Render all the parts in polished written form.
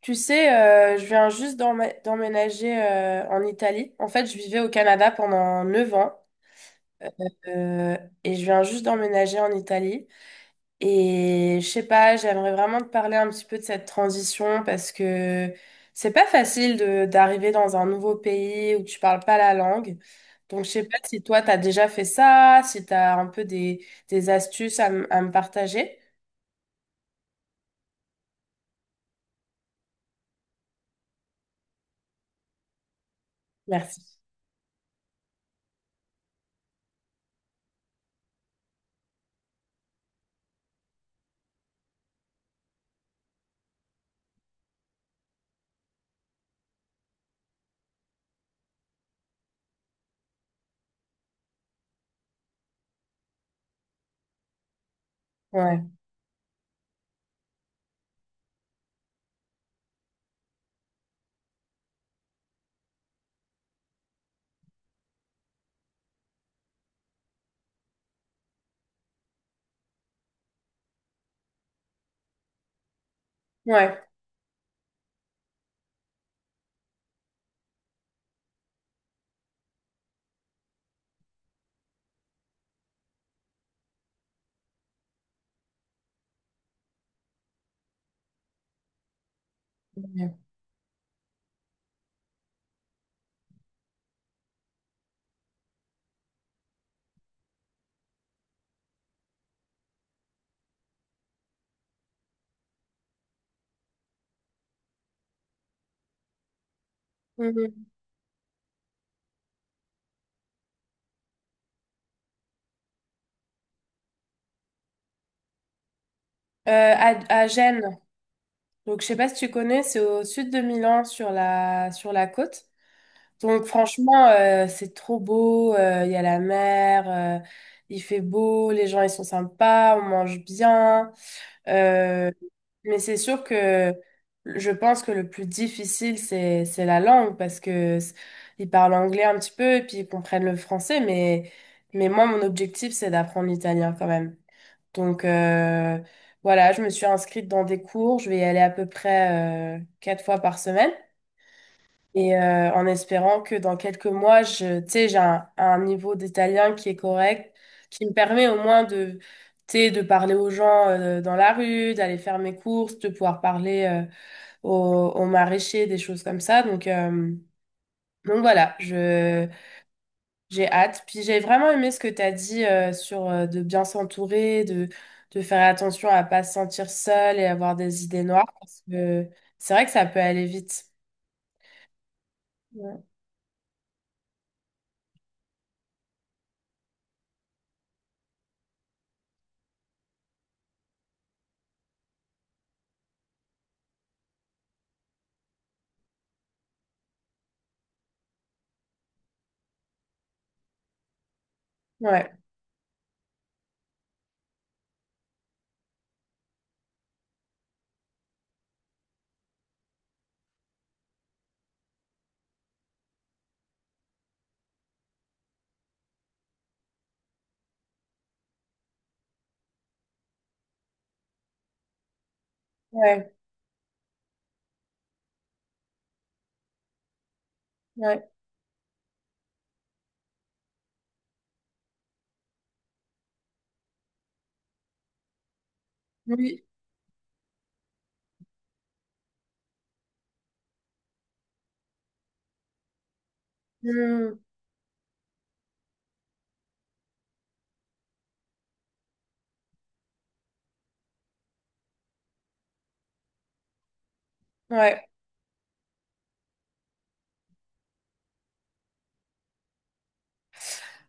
Tu sais, je viens juste d'emménager en Italie. En fait, je vivais au Canada pendant 9 ans euh, et je viens juste d'emménager en Italie. Et je sais pas, j'aimerais vraiment te parler un petit peu de cette transition parce que c'est pas facile de d'arriver dans un nouveau pays où tu parles pas la langue. Donc, je sais pas si toi, t'as déjà fait ça, si t'as un peu des astuces à, à me partager. Merci. Ouais. Ouais. Ouais. Mhm. À, à Gênes. Donc, je sais pas si tu connais, c'est au sud de Milan, sur la côte. Donc, franchement, c'est trop beau. Il y a la mer, il fait beau, les gens, ils sont sympas, on mange bien. Euh, mais c'est sûr que je pense que le plus difficile, c'est la langue parce que ils parlent anglais un petit peu et puis ils comprennent le français. Mais moi, mon objectif, c'est d'apprendre l'italien quand même. Donc, voilà, je me suis inscrite dans des cours. Je vais y aller à peu près 4 fois par semaine. Et en espérant que dans quelques mois, je, tu sais, j'ai un niveau d'italien qui est correct, qui me permet au moins de, tu sais, de parler aux gens dans la rue, d'aller faire mes courses, de pouvoir parler aux, aux maraîchers, des choses comme ça. Donc voilà, je, j'ai hâte. Puis j'ai vraiment aimé ce que tu as dit sur de bien s'entourer, de faire attention à pas se sentir seul et avoir des idées noires. Parce que c'est vrai que ça peut aller vite. Ouais, ouais, ouais. Ouais. Oui. Hmm, ouais.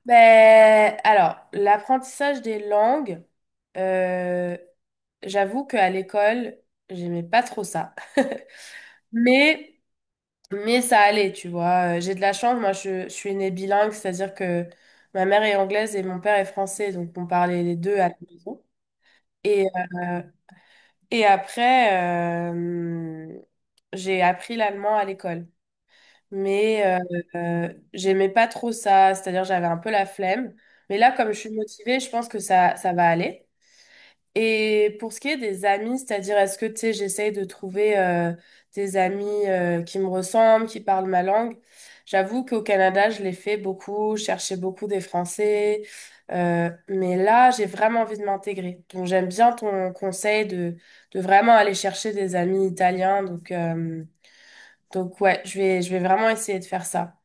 Ben, alors, l'apprentissage des langues, euh, j'avoue qu'à l'école, j'aimais pas trop ça. Mais Mais ça allait, tu vois. J'ai de la chance, moi je suis née bilingue, c'est-à-dire que ma mère est anglaise et mon père est français, donc on parlait les deux à la maison. Et, euh, et après, j'ai appris l'allemand à l'école. Mais j'aimais pas trop ça, c'est-à-dire j'avais un peu la flemme. Mais là, comme je suis motivée, je pense que ça va aller. Et pour ce qui est des amis, c'est-à-dire est-ce que tu sais, j'essaye de trouver des amis qui me ressemblent, qui parlent ma langue. J'avoue qu'au Canada, je l'ai fait beaucoup, je cherchais beaucoup des Français, mais là, j'ai vraiment envie de m'intégrer. Donc j'aime bien ton conseil de vraiment aller chercher des amis italiens. Donc ouais, je vais vraiment essayer de faire ça.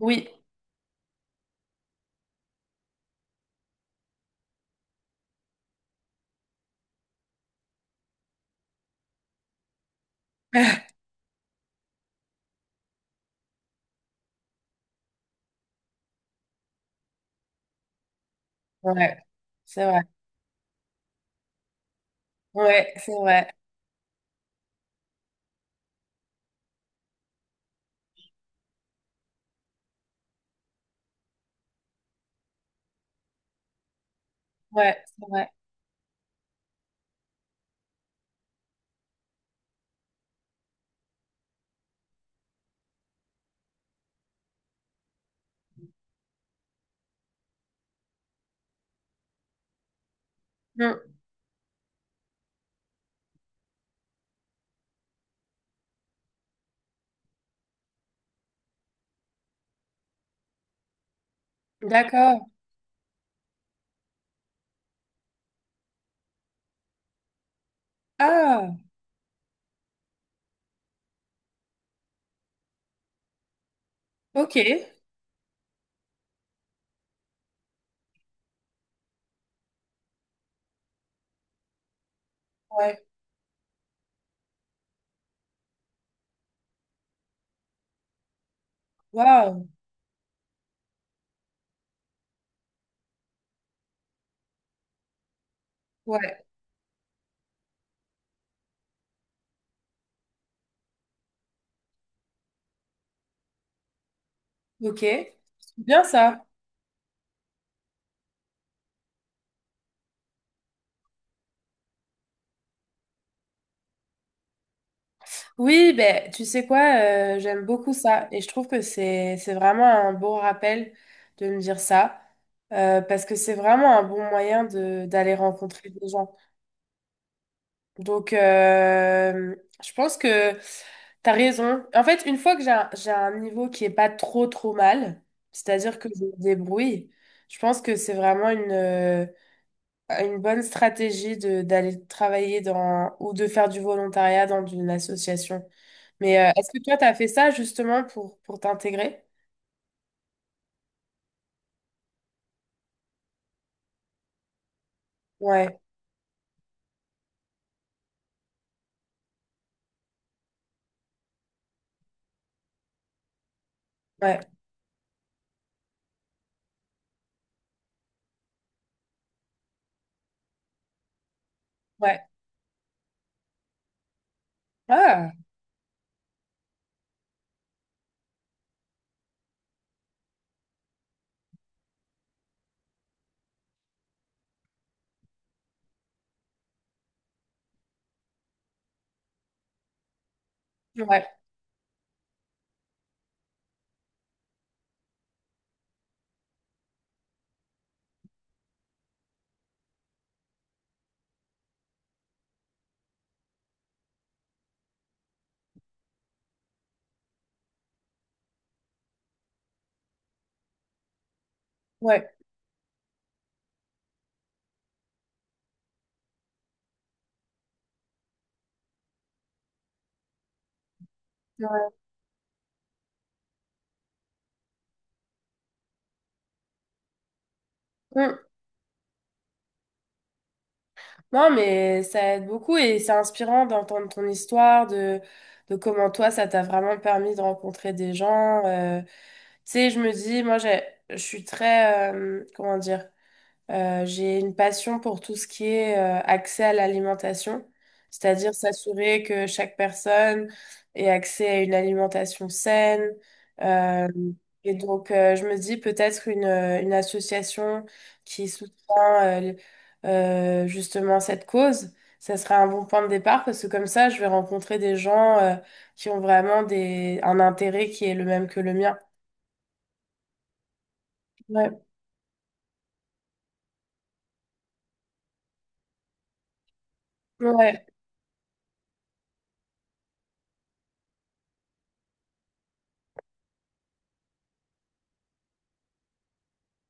Oui, ouais, c'est vrai. Ouais, c'est vrai. Ouais, c'est vrai. Hmm, d'accord. Ah, ok. Ouais. Waouh. Ouais. Ok. C'est bien ça. Oui, ben, tu sais quoi, j'aime beaucoup ça. Et je trouve que c'est vraiment un bon rappel de me dire ça. Parce que c'est vraiment un bon moyen de, d'aller rencontrer des gens. Donc, je pense que t'as raison. En fait, une fois que j'ai un niveau qui est pas trop, trop mal, c'est-à-dire que je me débrouille, je pense que c'est vraiment une bonne stratégie de d'aller travailler dans ou de faire du volontariat dans une association. Mais est-ce que toi, tu as fait ça justement pour t'intégrer? Ouais, ouais, ouais. Ah, ouais, ouais. Ouais. Mm. Non, mais ça aide beaucoup et c'est inspirant d'entendre ton histoire, de comment toi, ça t'a vraiment permis de rencontrer des gens. Tu sais, je me dis, moi, j'ai, je suis très, comment dire? J'ai une passion pour tout ce qui est accès à l'alimentation, c'est-à-dire s'assurer que chaque personne ait accès à une alimentation saine. Euh, et donc, je me dis peut-être une association qui soutient justement cette cause, ça serait un bon point de départ parce que comme ça, je vais rencontrer des gens qui ont vraiment des, un intérêt qui est le même que le mien. Ouais, ouais,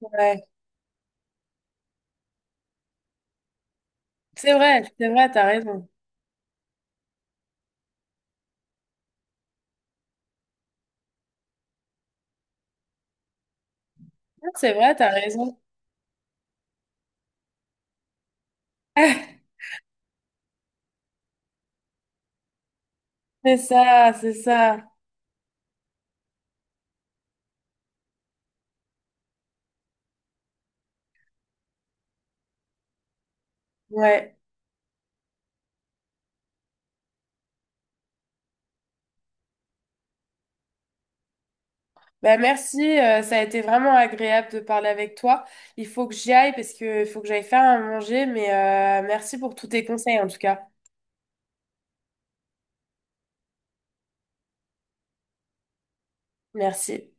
ouais. C'est vrai, t'as raison. C'est vrai, t'as raison. C'est ça, c'est ça. Ouais. Bah, merci, ça a été vraiment agréable de parler avec toi. Il faut que j'y aille parce que il faut que j'aille faire à manger, mais merci pour tous tes conseils en tout cas. Merci.